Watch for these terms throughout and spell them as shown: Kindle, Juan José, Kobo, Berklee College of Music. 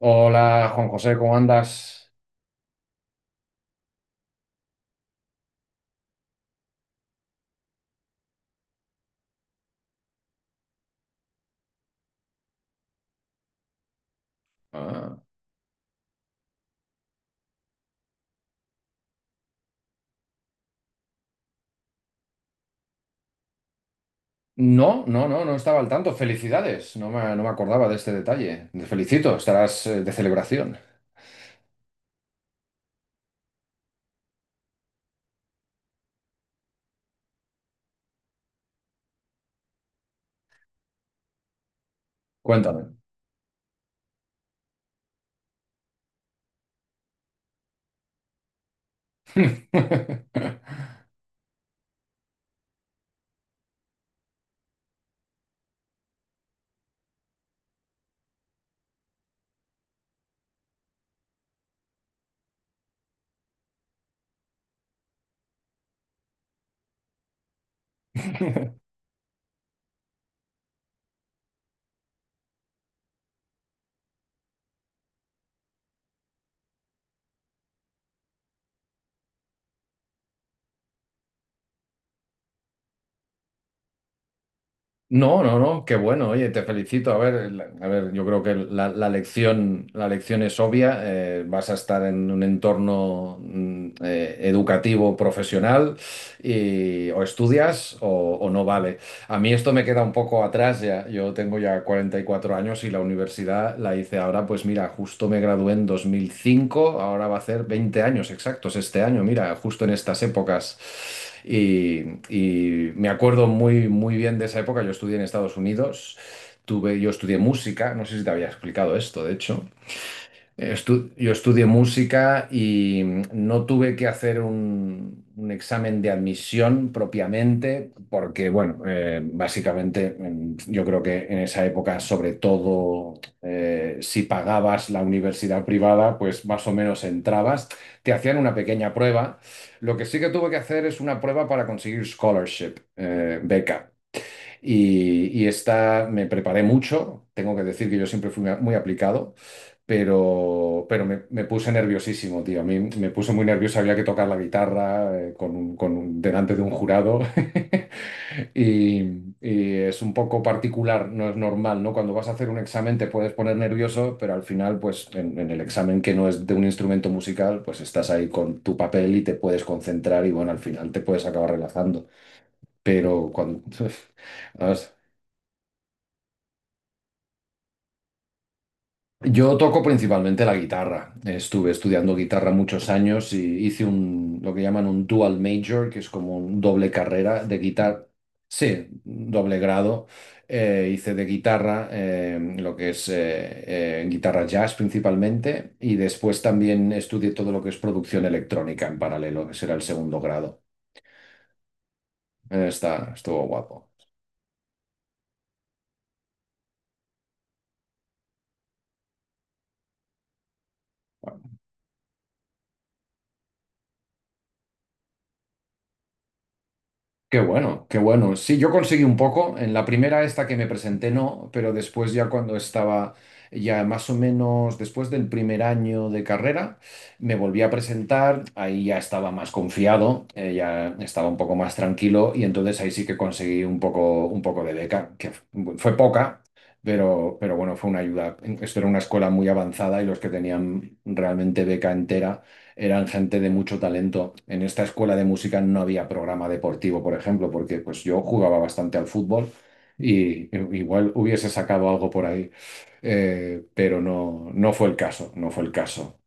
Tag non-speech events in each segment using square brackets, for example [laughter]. Hola, Juan José, ¿cómo andas? Ah, no, no, no, no estaba al tanto. Felicidades. No me acordaba de este detalle. Te felicito, estarás de celebración. Cuéntame. [laughs] No, no, no, qué bueno. Oye, te felicito. A ver, a ver, yo creo que la lección es obvia. Vas a estar en un entorno educativo, profesional, y o estudias o no vale. A mí esto me queda un poco atrás ya. Yo tengo ya 44 años y la universidad la hice ahora, pues mira, justo me gradué en 2005, ahora va a hacer 20 años exactos este año, mira, justo en estas épocas. Y, y me acuerdo muy bien de esa época. Yo estudié en Estados Unidos, tuve, yo estudié música, no sé si te había explicado esto, de hecho. Yo estudié música y no tuve que hacer un examen de admisión propiamente, porque, bueno, básicamente, yo creo que en esa época, sobre todo, si pagabas la universidad privada, pues más o menos entrabas, te hacían una pequeña prueba. Lo que sí que tuve que hacer es una prueba para conseguir scholarship, beca. Y esta me preparé mucho, tengo que decir que yo siempre fui muy aplicado, pero me puse nerviosísimo, tío. A mí me puse muy nervioso, había que tocar la guitarra con delante de un jurado. [laughs] Y, y es un poco particular, no es normal, ¿no? Cuando vas a hacer un examen te puedes poner nervioso, pero al final, pues en el examen que no es de un instrumento musical, pues estás ahí con tu papel y te puedes concentrar y bueno, al final te puedes acabar relajando. Pero cuando... [laughs] Yo toco principalmente la guitarra. Estuve estudiando guitarra muchos años y hice un, lo que llaman un dual major, que es como un doble carrera de guitarra. Sí, doble grado. Hice de guitarra, lo que es guitarra jazz principalmente, y después también estudié todo lo que es producción electrónica en paralelo, que será el segundo grado. Está, estuvo guapo. Qué bueno, qué bueno. Sí, yo conseguí un poco. En la primera esta que me presenté no, pero después ya cuando estaba ya más o menos después del primer año de carrera, me volví a presentar. Ahí ya estaba más confiado, ya estaba un poco más tranquilo y entonces ahí sí que conseguí un poco de beca, que fue poca, pero bueno, fue una ayuda. Esto era una escuela muy avanzada y los que tenían realmente beca entera eran gente de mucho talento. En esta escuela de música no había programa deportivo, por ejemplo, porque pues yo jugaba bastante al fútbol y igual hubiese sacado algo por ahí, pero no, no fue el caso, no fue el caso.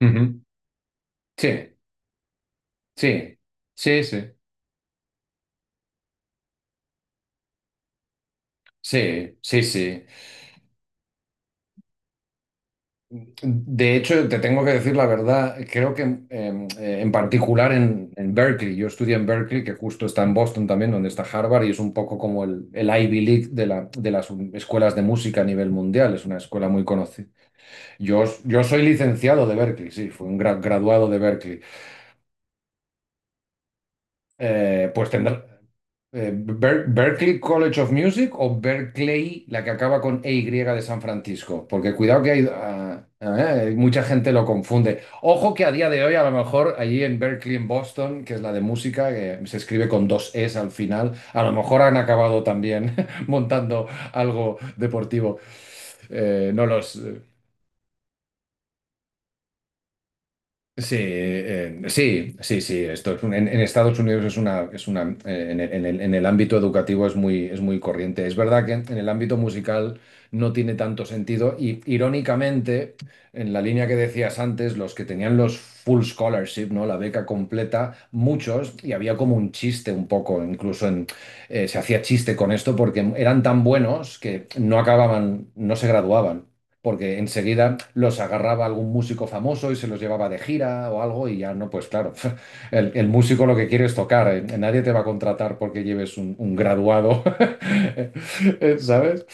Ujú. Sí, sí, sí, sí, sí, sí, sí. De hecho, te tengo que decir la verdad, creo que en particular en Berkeley, yo estudié en Berkeley, que justo está en Boston también, donde está Harvard, y es un poco como el Ivy League de, de las escuelas de música a nivel mundial, es una escuela muy conocida. Yo soy licenciado de Berkeley, sí, fui un graduado de Berkeley. Pues tendrá. Berklee College of Music o Berkeley, la que acaba con e y de San Francisco, porque cuidado que hay, ah, ah, mucha gente lo confunde. Ojo que a día de hoy, a lo mejor allí en Berkeley, en Boston, que es la de música, que se escribe con dos Es al final, a lo mejor han acabado también [laughs] montando algo deportivo. No los, Sí, sí, sí, sí, esto es en Estados Unidos es una, en el, en el ámbito educativo es muy corriente. Es verdad que en el ámbito musical no tiene tanto sentido y irónicamente, en la línea que decías antes, los que tenían los full scholarship, ¿no? La beca completa, muchos, y había como un chiste un poco, incluso en, se hacía chiste con esto porque eran tan buenos que no acababan, no se graduaban porque enseguida los agarraba algún músico famoso y se los llevaba de gira o algo y ya no, pues claro, [laughs] el músico lo que quiere es tocar, nadie te va a contratar porque lleves un graduado, [laughs] ¿sabes?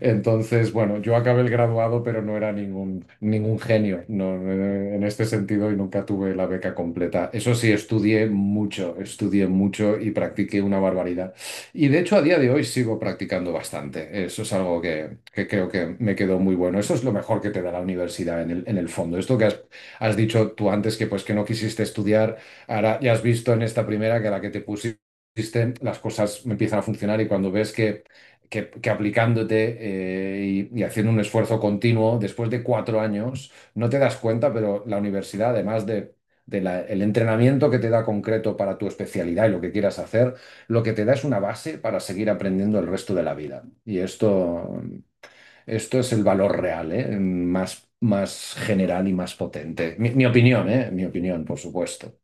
Entonces, bueno, yo acabé el graduado, pero no era ningún, ningún genio, no, en este sentido y nunca tuve la beca completa. Eso sí, estudié mucho y practiqué una barbaridad. Y de hecho, a día de hoy sigo practicando bastante. Eso es algo que creo que me quedó muy bueno. Eso es lo mejor que te da la universidad en el fondo. Esto que has, has dicho tú antes, que pues que no quisiste estudiar, ahora ya has visto en esta primera que a la que te pusiste las cosas empiezan a funcionar y cuando ves que aplicándote y haciendo un esfuerzo continuo, después de 4 años, no te das cuenta, pero la universidad, además de... del entrenamiento que te da concreto para tu especialidad y lo que quieras hacer, lo que te da es una base para seguir aprendiendo el resto de la vida. Y esto es el valor real, ¿eh? Más general y más potente. Mi opinión, ¿eh? Mi opinión, por supuesto.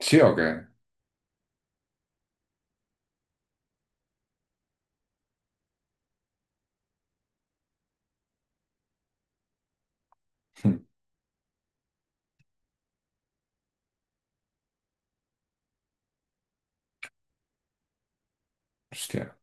¿Sí o qué? [laughs] Hostia.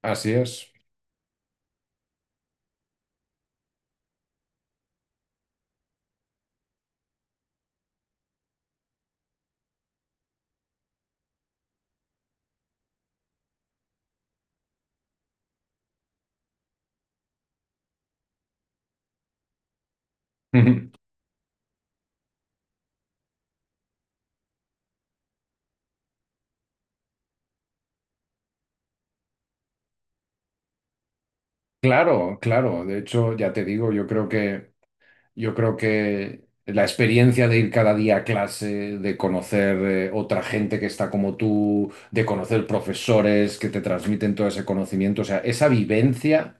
Así es. [laughs] Claro, claro. De hecho, ya te digo, yo creo que Yo creo que la experiencia de ir cada día a clase, de conocer otra gente que está como tú, de conocer profesores que te transmiten todo ese conocimiento, o sea, esa vivencia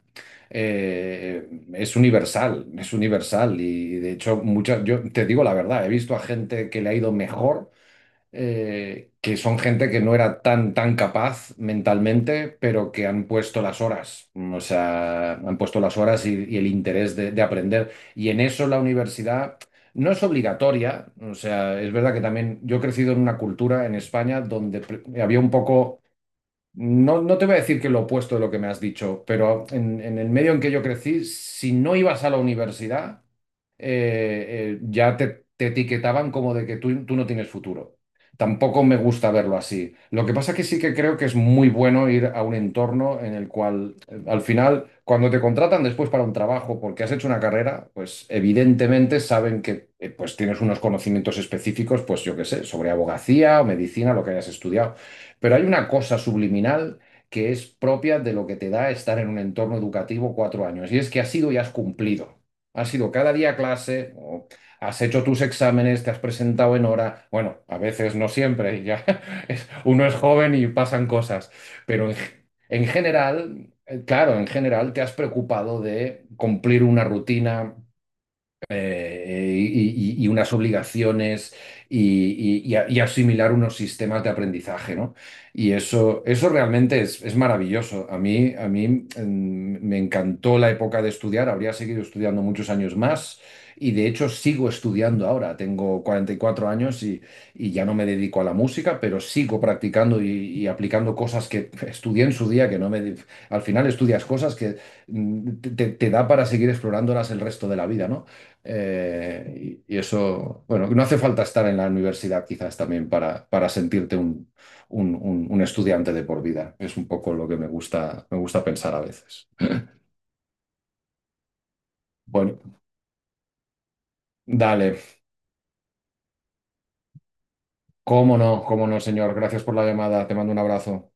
eh, es universal, es universal. Y de hecho, muchas, yo te digo la verdad, he visto a gente que le ha ido mejor, que son gente que no era tan, tan capaz mentalmente, pero que han puesto las horas, o sea, han puesto las horas y el interés de aprender. Y en eso la universidad no es obligatoria, o sea, es verdad que también yo he crecido en una cultura en España donde había un poco... No, no te voy a decir que lo opuesto de lo que me has dicho, pero en el medio en que yo crecí, si no ibas a la universidad, ya te etiquetaban como de que tú no tienes futuro. Tampoco me gusta verlo así. Lo que pasa que sí que creo que es muy bueno ir a un entorno en el cual, al final, cuando te contratan después para un trabajo porque has hecho una carrera, pues evidentemente saben que pues tienes unos conocimientos específicos, pues yo qué sé, sobre abogacía o medicina, lo que hayas estudiado. Pero hay una cosa subliminal que es propia de lo que te da estar en un entorno educativo 4 años, y es que has ido y has cumplido. Has ido cada día a clase, o has hecho tus exámenes, te has presentado en hora. Bueno, a veces no siempre, ya [laughs] uno es joven y pasan cosas, pero en, en general, claro, en general te has preocupado de cumplir una rutina, y, y unas obligaciones y, y asimilar unos sistemas de aprendizaje, ¿no? Y eso realmente es maravilloso. A mí, a mí, me encantó la época de estudiar, habría seguido estudiando muchos años más y de hecho sigo estudiando ahora. Tengo 44 años y ya no me dedico a la música, pero sigo practicando y aplicando cosas que estudié en su día, que no me... Al final estudias cosas que te, te da para seguir explorándolas el resto de la vida, ¿no? Y, y eso, bueno, no hace falta estar en la universidad quizás también para sentirte un, un estudiante de por vida. Es un poco lo que me gusta pensar a veces. Bueno, dale, cómo no, señor. Gracias por la llamada. Te mando un abrazo.